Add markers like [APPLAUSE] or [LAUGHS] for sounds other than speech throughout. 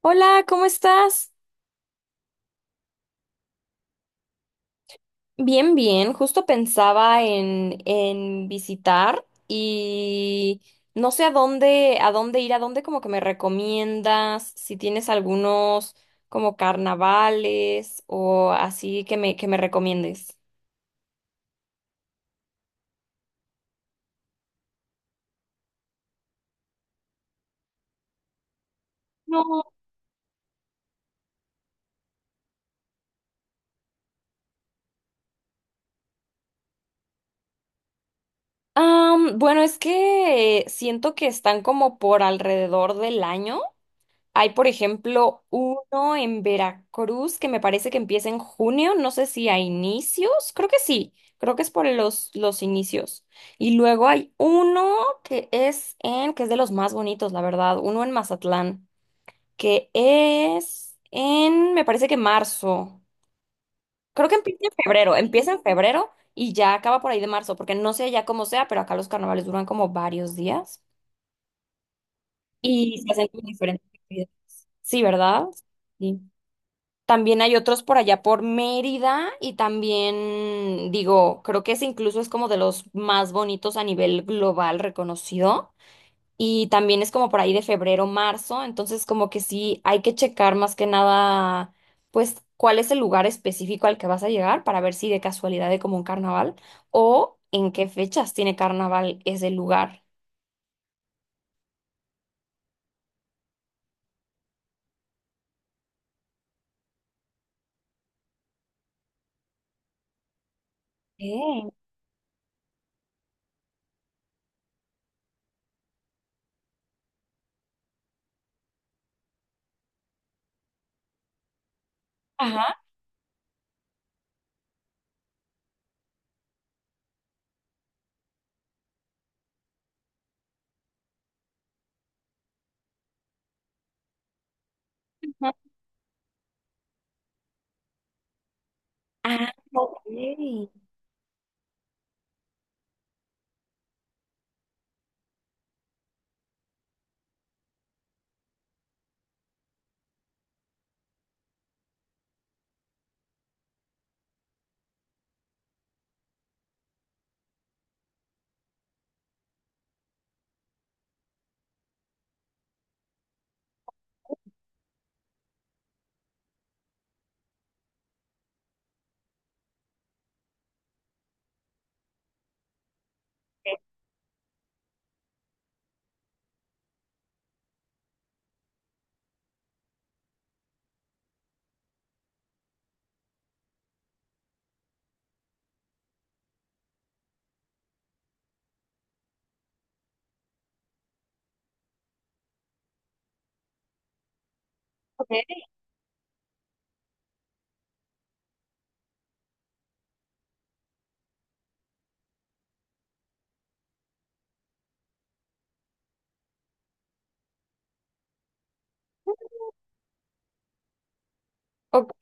Hola, ¿cómo estás? Bien, bien. Justo pensaba en visitar y no sé a dónde ir, a dónde como que me recomiendas, si tienes algunos como carnavales o así que me recomiendes. No. Bueno, es que siento que están como por alrededor del año. Hay, por ejemplo, uno en Veracruz que me parece que empieza en junio, no sé si a inicios, creo que sí, creo que es por los inicios. Y luego hay uno que es de los más bonitos, la verdad, uno en Mazatlán, que es en, me parece que marzo. Creo que empieza en febrero y ya acaba por ahí de marzo, porque no sé ya cómo sea, pero acá los carnavales duran como varios días y se hacen como diferentes actividades. Sí, ¿verdad? Sí. También hay otros por allá por Mérida y también, digo, creo que ese incluso es como de los más bonitos a nivel global reconocido. Y también es como por ahí de febrero, marzo, entonces como que sí hay que checar más que nada, pues, cuál es el lugar específico al que vas a llegar para ver si de casualidad hay como un carnaval o en qué fechas tiene carnaval ese lugar. Eh, Ajá, ajá. Ah, ok. Ok. Ok.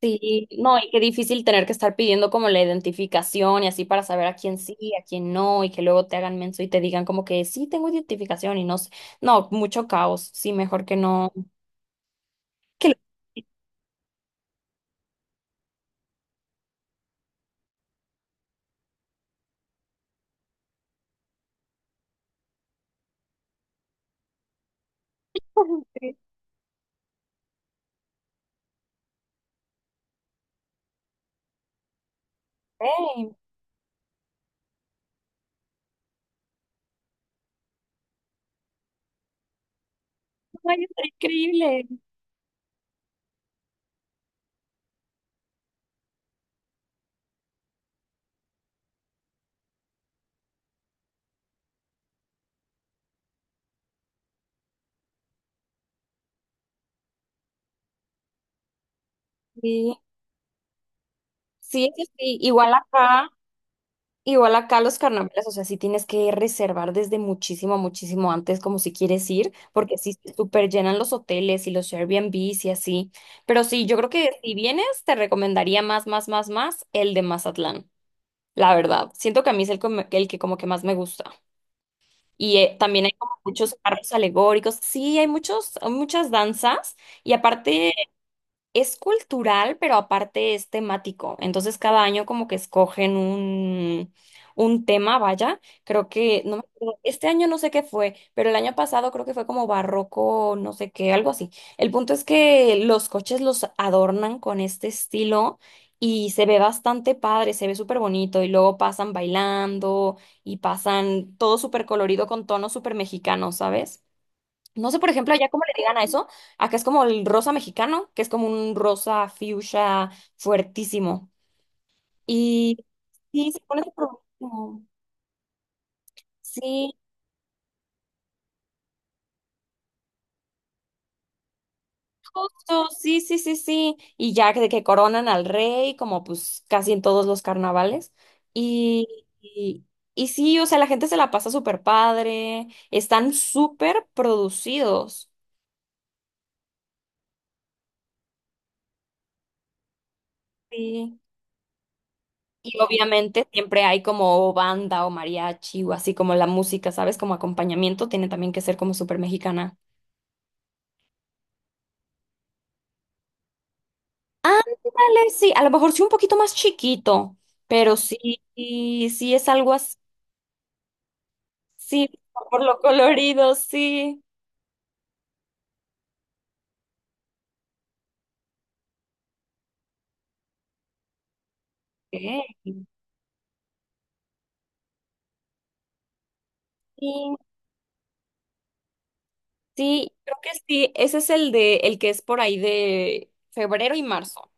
Sí, no, y qué difícil tener que estar pidiendo como la identificación y así para saber a quién sí, a quién no, y que luego te hagan menso y te digan como que sí tengo identificación y no sé. No, mucho caos. Sí, mejor que no. Que lo- [LAUGHS] Ey, no, está increíble. Sí, sí, sí, sí. Igual acá. Igual acá los carnavales, o sea, sí tienes que reservar desde muchísimo, muchísimo antes, como si quieres ir, porque sí se super llenan los hoteles y los Airbnbs y así. Pero sí, yo creo que si vienes, te recomendaría más el de Mazatlán, la verdad. Siento que a mí es el que como que más me gusta. Y también hay como muchos carros alegóricos. Sí, hay muchos, muchas danzas. Y aparte. Es cultural, pero aparte es temático. Entonces cada año como que escogen un tema, vaya. Creo que, no me acuerdo, este año no sé qué fue, pero el año pasado creo que fue como barroco, no sé qué, algo así. El punto es que los coches los adornan con este estilo y se ve bastante padre, se ve súper bonito y luego pasan bailando y pasan todo súper colorido con tonos súper mexicanos, ¿sabes? No sé, por ejemplo, allá cómo le digan a eso. Acá es como el rosa mexicano, que es como un rosa fuchsia fuertísimo. Y sí, se pone súper buenísimo. Sí, justo, sí, sí, sí, sí. De que coronan al rey, como pues casi en todos los carnavales. Y, y, y sí, o sea, la gente se la pasa súper padre. Están súper producidos. Sí. Y obviamente siempre hay como banda o mariachi o así como la música, ¿sabes? Como acompañamiento tiene también que ser como súper mexicana. Ándale, sí, a lo mejor sí un poquito más chiquito, pero sí, sí, sí es algo así, sí, por lo colorido, sí. Ok. Sí, sí, creo que sí, ese es el de, el que es por ahí de febrero y marzo.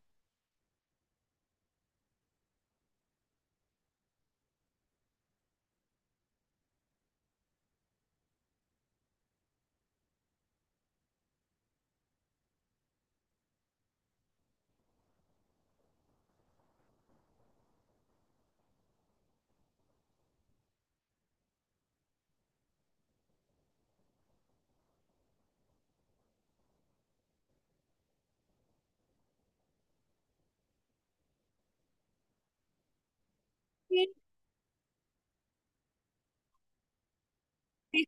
Sí, sí,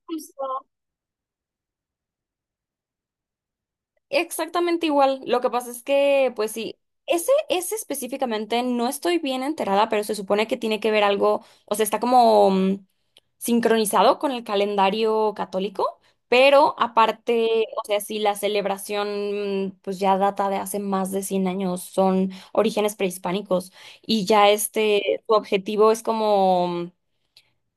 exactamente igual. Lo que pasa es que, pues sí, ese específicamente no estoy bien enterada, pero se supone que tiene que ver algo, o sea, está como sincronizado con el calendario católico, pero aparte, o sea, si la celebración, pues ya data de hace más de 100 años, son orígenes prehispánicos y ya este, su objetivo es como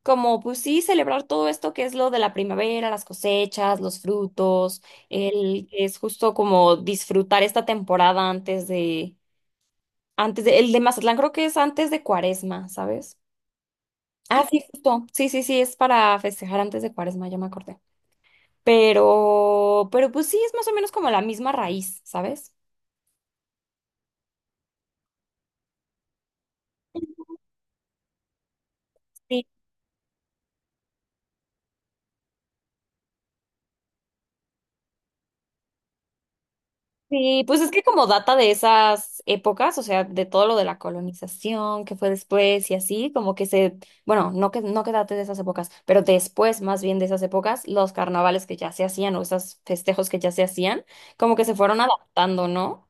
como pues sí, celebrar todo esto que es lo de la primavera, las cosechas, los frutos, el es justo como disfrutar esta temporada el de Mazatlán creo que es antes de Cuaresma, ¿sabes? Ah, sí, justo, sí, sí, sí, es para festejar antes de Cuaresma, ya me acordé. Pero pues sí, es más o menos como la misma raíz, ¿sabes? Sí, pues es que como data de esas épocas, o sea, de todo lo de la colonización que fue después y así, bueno, no que date de esas épocas, pero después más bien de esas épocas, los carnavales que ya se hacían o esos festejos que ya se hacían, como que se fueron adaptando, ¿no?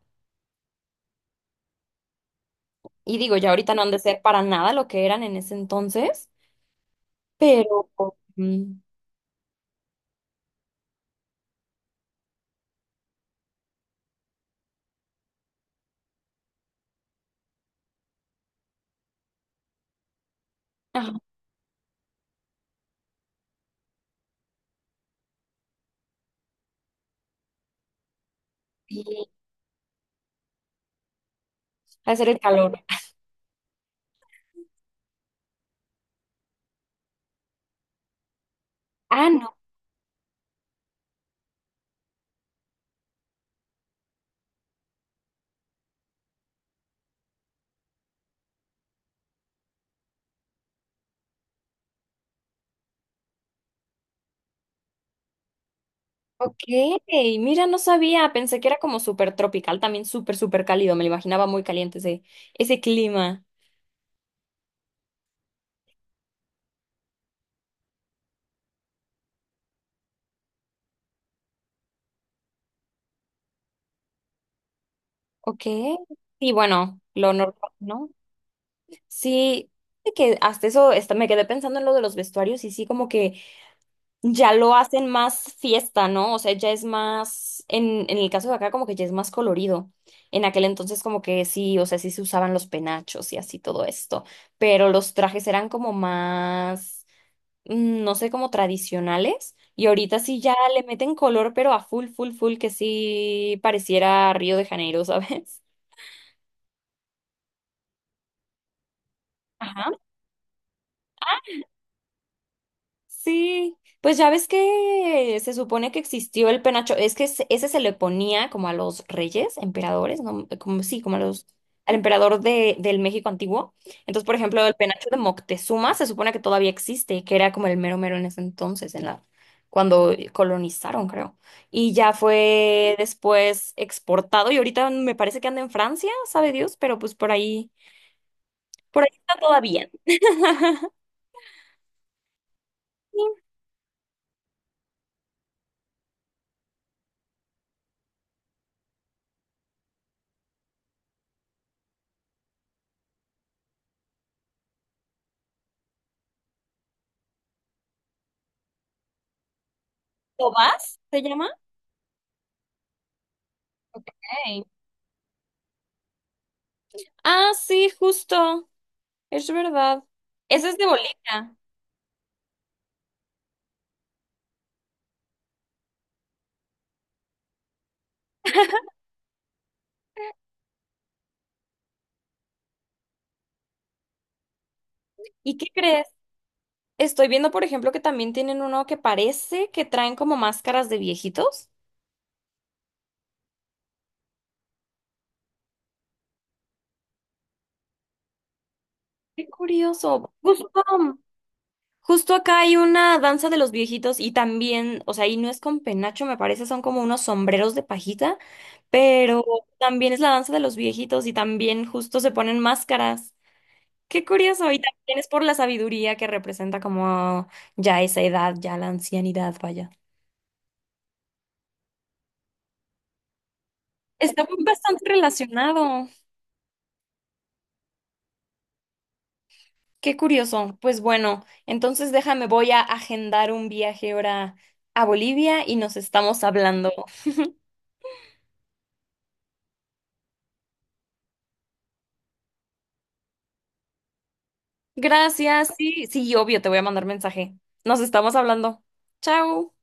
Y digo, ya ahorita no han de ser para nada lo que eran en ese entonces, pero mm, ajá, sí, ha de ser el calor. Ah, no. Ok, mira, no sabía, pensé que era como súper tropical, también súper cálido, me lo imaginaba muy caliente ese clima. Ok, sí, bueno, lo normal, ¿no? Sí, de que hasta eso hasta me quedé pensando en lo de los vestuarios y sí, como que ya lo hacen más fiesta, ¿no? O sea, ya es más, en el caso de acá, como que ya es más colorido. En aquel entonces como que sí, o sea, sí se usaban los penachos y así todo esto, pero los trajes eran como más no sé, como tradicionales. Y ahorita sí ya le meten color, pero a full, que sí pareciera Río de Janeiro, [LAUGHS] ¿sabes? Ajá. Sí, pues ya ves que se supone que existió el penacho, ese se le ponía como a los reyes, emperadores, ¿no? Como sí, como a los al emperador del México antiguo. Entonces, por ejemplo, el penacho de Moctezuma se supone que todavía existe, que era como el mero mero en ese entonces, en la cuando colonizaron, creo. Y ya fue después exportado y ahorita me parece que anda en Francia, sabe Dios, pero pues por ahí está todavía. ¿Tobás se llama? Ok. Ah, sí, justo. Es verdad. Ese es de bolita. ¿Y qué crees? Estoy viendo, por ejemplo, que también tienen uno que parece que traen como máscaras de viejitos. Qué curioso. Justo, justo acá hay una danza de los viejitos y también, o sea, y no es con penacho, me parece, son como unos sombreros de pajita, pero también es la danza de los viejitos y también justo se ponen máscaras. Qué curioso. Y también es por la sabiduría que representa como ya esa edad, ya la ancianidad, vaya. Está bastante relacionado. Qué curioso. Pues bueno, entonces déjame, voy a agendar un viaje ahora a Bolivia y nos estamos hablando. Gracias. Sí, sí, obvio, te voy a mandar mensaje. Nos estamos hablando. Chao.